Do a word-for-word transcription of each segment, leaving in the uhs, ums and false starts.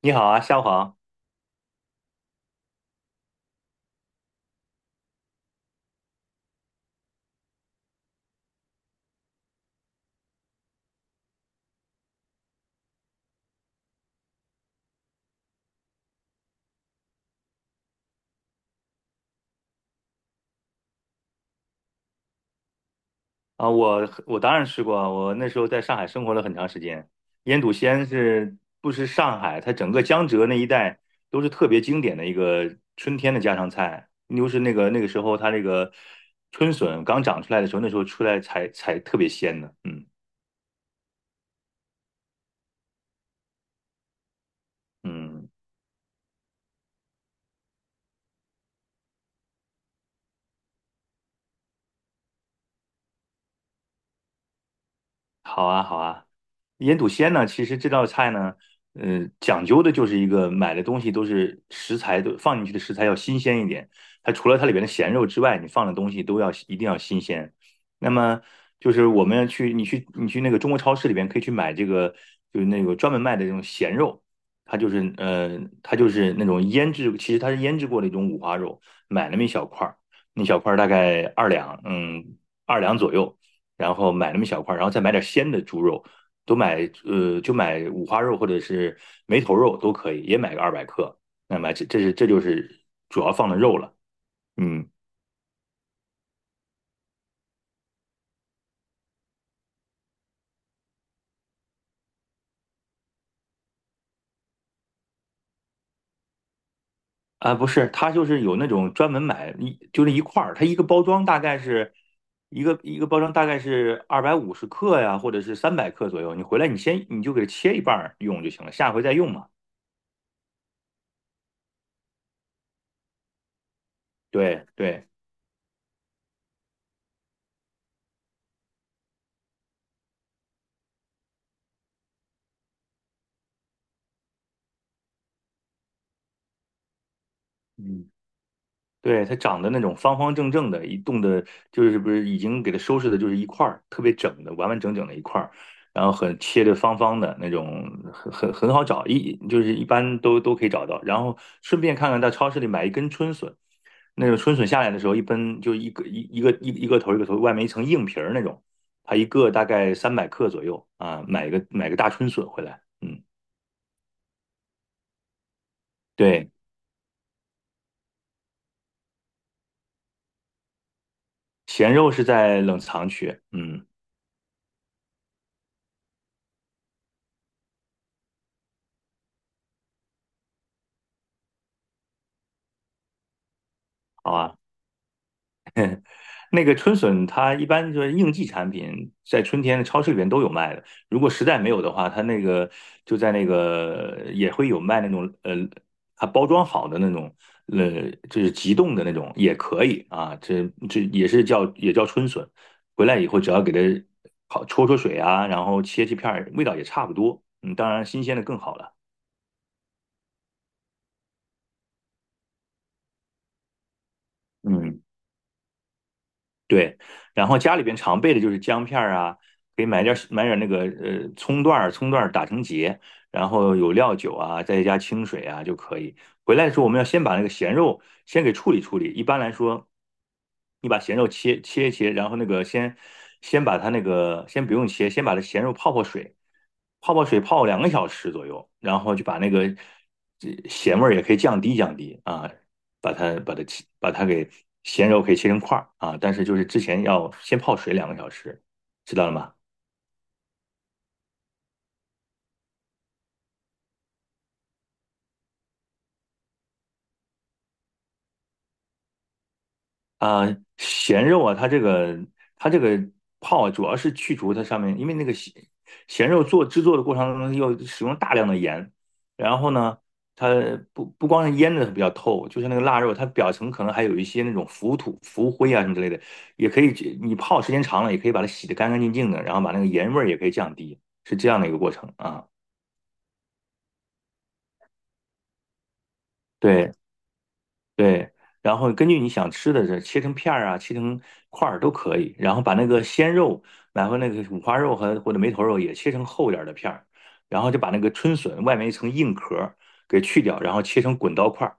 你好啊，夏黄啊，我我当然吃过啊，我那时候在上海生活了很长时间。腌笃鲜是不是上海，它整个江浙那一带都是特别经典的一个春天的家常菜。又是那个那个时候，它那个春笋刚长出来的时候，那时候出来才才特别鲜的。嗯嗯。好啊，好啊。腌笃鲜呢，其实这道菜呢，呃，讲究的就是一个买的东西都是食材，都放进去的食材要新鲜一点。它除了它里边的咸肉之外，你放的东西都要，一定要新鲜。那么就是我们去，你去你去那个中国超市里边可以去买这个，就是那个专门卖的这种咸肉，它就是呃，它就是那种腌制，其实它是腌制过的一种五花肉，买那么一小块儿，那小块儿大概二两，嗯，二两左右。然后买那么小块，然后再买点鲜的猪肉，都买，呃就买五花肉或者是梅头肉都可以，也买个二百克。那么这这是这就是主要放的肉了。嗯。啊，不是，它就是有那种专门买，一就是一块儿，它一个包装大概是一个一个包装大概是二百五十克呀，或者是三百克左右。你回来你先，你就给它切一半儿用就行了，下回再用嘛。对，对。嗯。对，它长得那种方方正正的，一冻的，就是不是已经给它收拾的，就是一块儿特别整的，完完整整的一块儿，然后很切的方方的那种，很很很好找，一就是一般都都可以找到。然后顺便看看，到超市里买一根春笋，那种春笋下来的时候，一根就一个一一个一一个头一个头，外面一层硬皮儿那种，它一个大概三百克左右啊，买一个买个大春笋回来。嗯。对，咸肉是在冷藏区。嗯。好啊。那个春笋，它一般就是应季产品，在春天的超市里边都有卖的。如果实在没有的话，它那个，就在那个也会有卖那种，呃，它包装好的那种，呃，就是急冻的那种也可以啊。这这也是叫，也叫春笋，回来以后只要给它好焯焯水啊，然后切切片儿，味道也差不多。嗯，当然新鲜的更好了。嗯。对，然后家里边常备的就是姜片儿啊，可以买点儿买点儿那个，呃葱段儿，葱段儿打成结，然后有料酒啊，再加清水啊就可以。回来的时候，我们要先把那个咸肉先给处理处理。一般来说，你把咸肉切切一切，然后那个，先先把它那个，先不用切，先把它咸肉泡泡水，泡泡水泡两个小时左右，然后就把那个，这咸味儿也可以降低降低啊，把它把它切把它给咸肉可以切成块儿啊，但是就是之前要先泡水两个小时，知道了吗？啊、呃咸肉啊，它这个它这个泡啊，主要是去除它上面，因为那个，咸咸肉做制作的过程当中要使用大量的盐，然后呢，它不不光是腌的比较透，就是那个腊肉，它表层可能还有一些那种浮土、浮灰啊什么之类的，也可以你泡时间长了，也可以把它洗得干干净净的，然后把那个盐味儿也可以降低，是这样的一个过程啊。对，对，然后根据你想吃的，这切成片儿啊，切成块儿都可以。然后把那个鲜肉，然后那个五花肉，和或者梅头肉也切成厚点儿的片儿，然后就把那个春笋外面一层硬壳儿给去掉，然后切成滚刀块儿，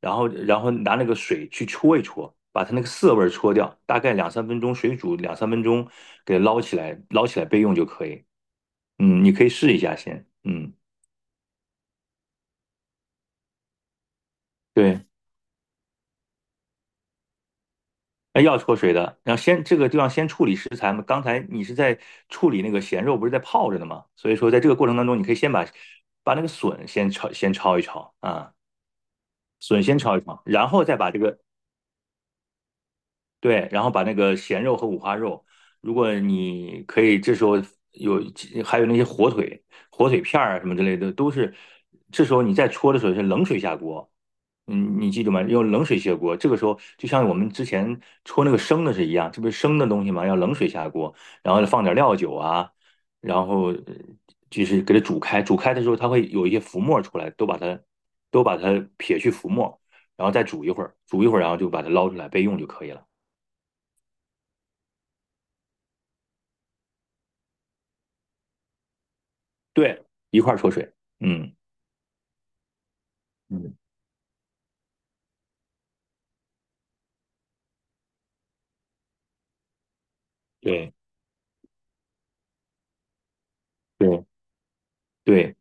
然后然后拿那个水去戳一戳，把它那个涩味儿戳掉，大概两三分钟，水煮两三分钟，给捞起来，捞起来备用就可以。嗯，你可以试一下先。嗯。对。哎，要焯水的，然后先，这个地方先处理食材嘛。刚才你是在处理那个咸肉，不是在泡着的吗？所以说，在这个过程当中，你可以先把，把那个笋先焯，先焯一焯啊，笋先焯一焯，然后再把这个对，然后把那个咸肉和五花肉，如果你可以，这时候有还有那些火腿、火腿片儿啊什么之类的，都是，这时候你再焯的时候是冷水下锅。嗯，你记住吗？用冷水下锅。这个时候就像我们之前搓那个生的是一样，这不是生的东西吗？要冷水下锅，然后放点料酒啊，然后，呃就是给它煮开。煮开的时候，它会有一些浮沫出来，都把它都把它撇去浮沫，然后再煮一会儿，煮一会儿，然后就把它捞出来备用就可以了。对，一块儿焯水。嗯，嗯。对，对，对。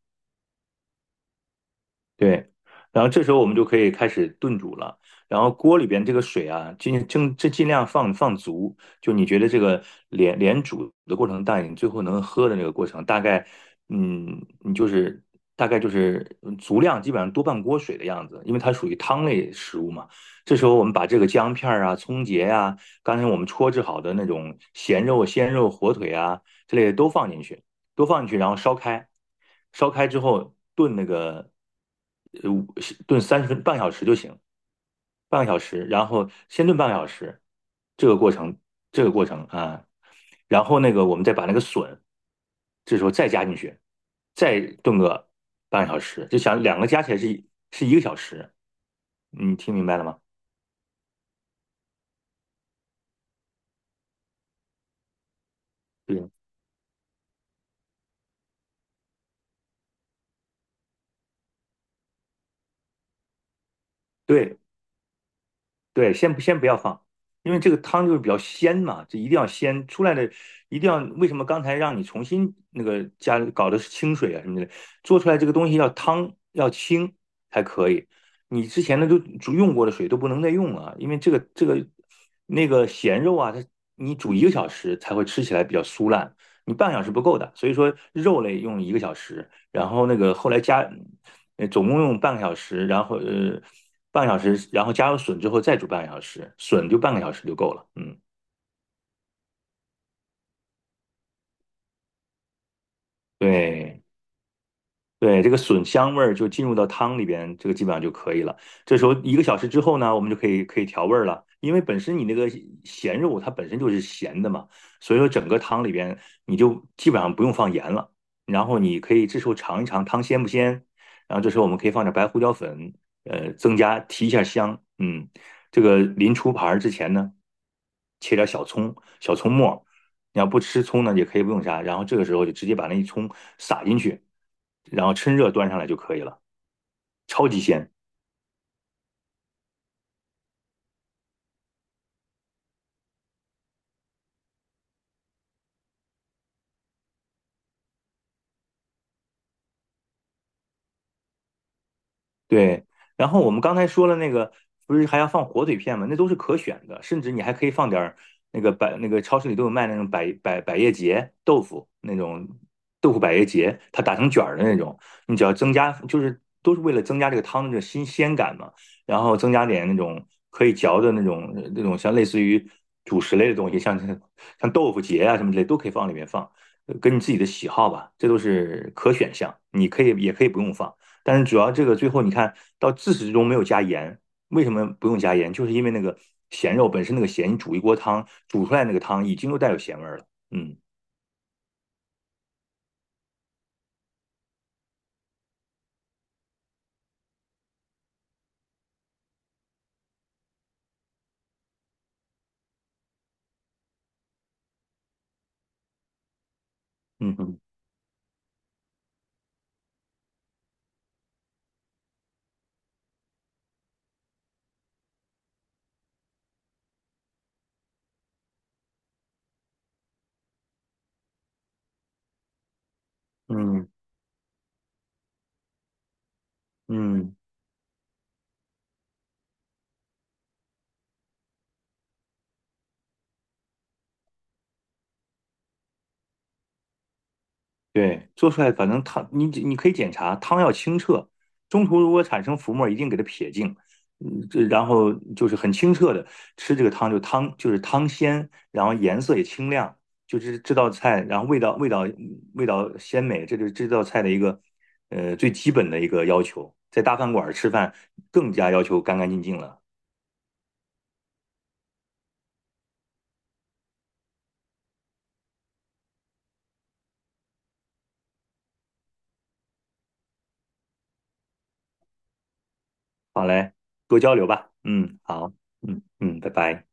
对，然后这时候我们就可以开始炖煮了。然后锅里边这个水啊，尽尽这尽量放放足，就你觉得这个连连煮的过程大，你最后能喝的那个过程，大概，嗯，你就是大概就是，嗯足量，基本上多半锅水的样子，因为它属于汤类食物嘛。这时候我们把这个姜片儿啊、葱节呀、刚才我们搓制好的那种咸肉、鲜肉、火腿啊之类的都放进去。都放进去，然后烧开，烧开之后炖那个，呃，炖，三十分半个小时就行，半个小时，然后先炖半个小时。这个过程，这个过程啊，然后那个我们再把那个笋，这时候再加进去，再炖个半个小时，就想两个加起来是一是一个小时，你听明白了吗？对对，对，先不先不要放，因为这个汤就是比较鲜嘛，这一定要鲜出来的，一定要，为什么刚才让你重新那个，加搞的是清水啊什么的，做出来这个东西要汤要清才可以，你之前的都煮用过的水都不能再用了啊，因为这个这个那个咸肉啊，它你煮一个小时才会吃起来比较酥烂，你半个小时不够的，所以说肉类用一个小时，然后那个，后来加，呃，总共用半个小时，然后，呃，半个小时，然后加入笋之后再煮半个小时，笋就半个小时就够了。嗯。对。对，这个笋香味儿就进入到汤里边，这个基本上就可以了。这时候一个小时之后呢，我们就可以可以调味儿了，因为本身你那个咸肉它本身就是咸的嘛，所以说整个汤里边你就基本上不用放盐了。然后你可以这时候尝一尝汤鲜不鲜，然后这时候我们可以放点白胡椒粉，呃，增加，提一下香。嗯，这个临出盘儿之前呢，切点小葱、小葱末儿，你要不吃葱呢，也可以不用杀，然后这个时候就直接把那一葱撒进去，然后趁热端上来就可以了，超级鲜。对，然后我们刚才说了那个，不是还要放火腿片吗？那都是可选的，甚至你还可以放点儿那个百那个超市里都有卖那种，百百百叶结豆腐，那种豆腐百叶结，它打成卷儿的那种，你只要增加，就是都是为了增加这个汤的这个新鲜感嘛，然后增加点那种可以嚼的那种那种，像类似于主食类的东西，像像豆腐结啊什么之类都可以放里面放，呃跟你自己的喜好吧，这都是可选项，你可以，也可以不用放。但是主要这个最后你看到自始至终没有加盐，为什么不用加盐？就是因为那个咸肉本身那个咸，你煮一锅汤，煮出来那个汤已经都带有咸味儿了。嗯，嗯，嗯，嗯，嗯。对，做出来反正汤，你你可以检查汤要清澈，中途如果产生浮沫一定给它撇净。嗯，这，然后就是很清澈的吃这个汤，就汤就是汤鲜，然后颜色也清亮，就是这道菜，然后味道味道味道鲜美，这就是这道菜的一个，呃最基本的一个要求。在大饭馆儿吃饭更加要求干干净净了。好嘞，多交流吧。嗯，好。嗯，嗯，拜拜。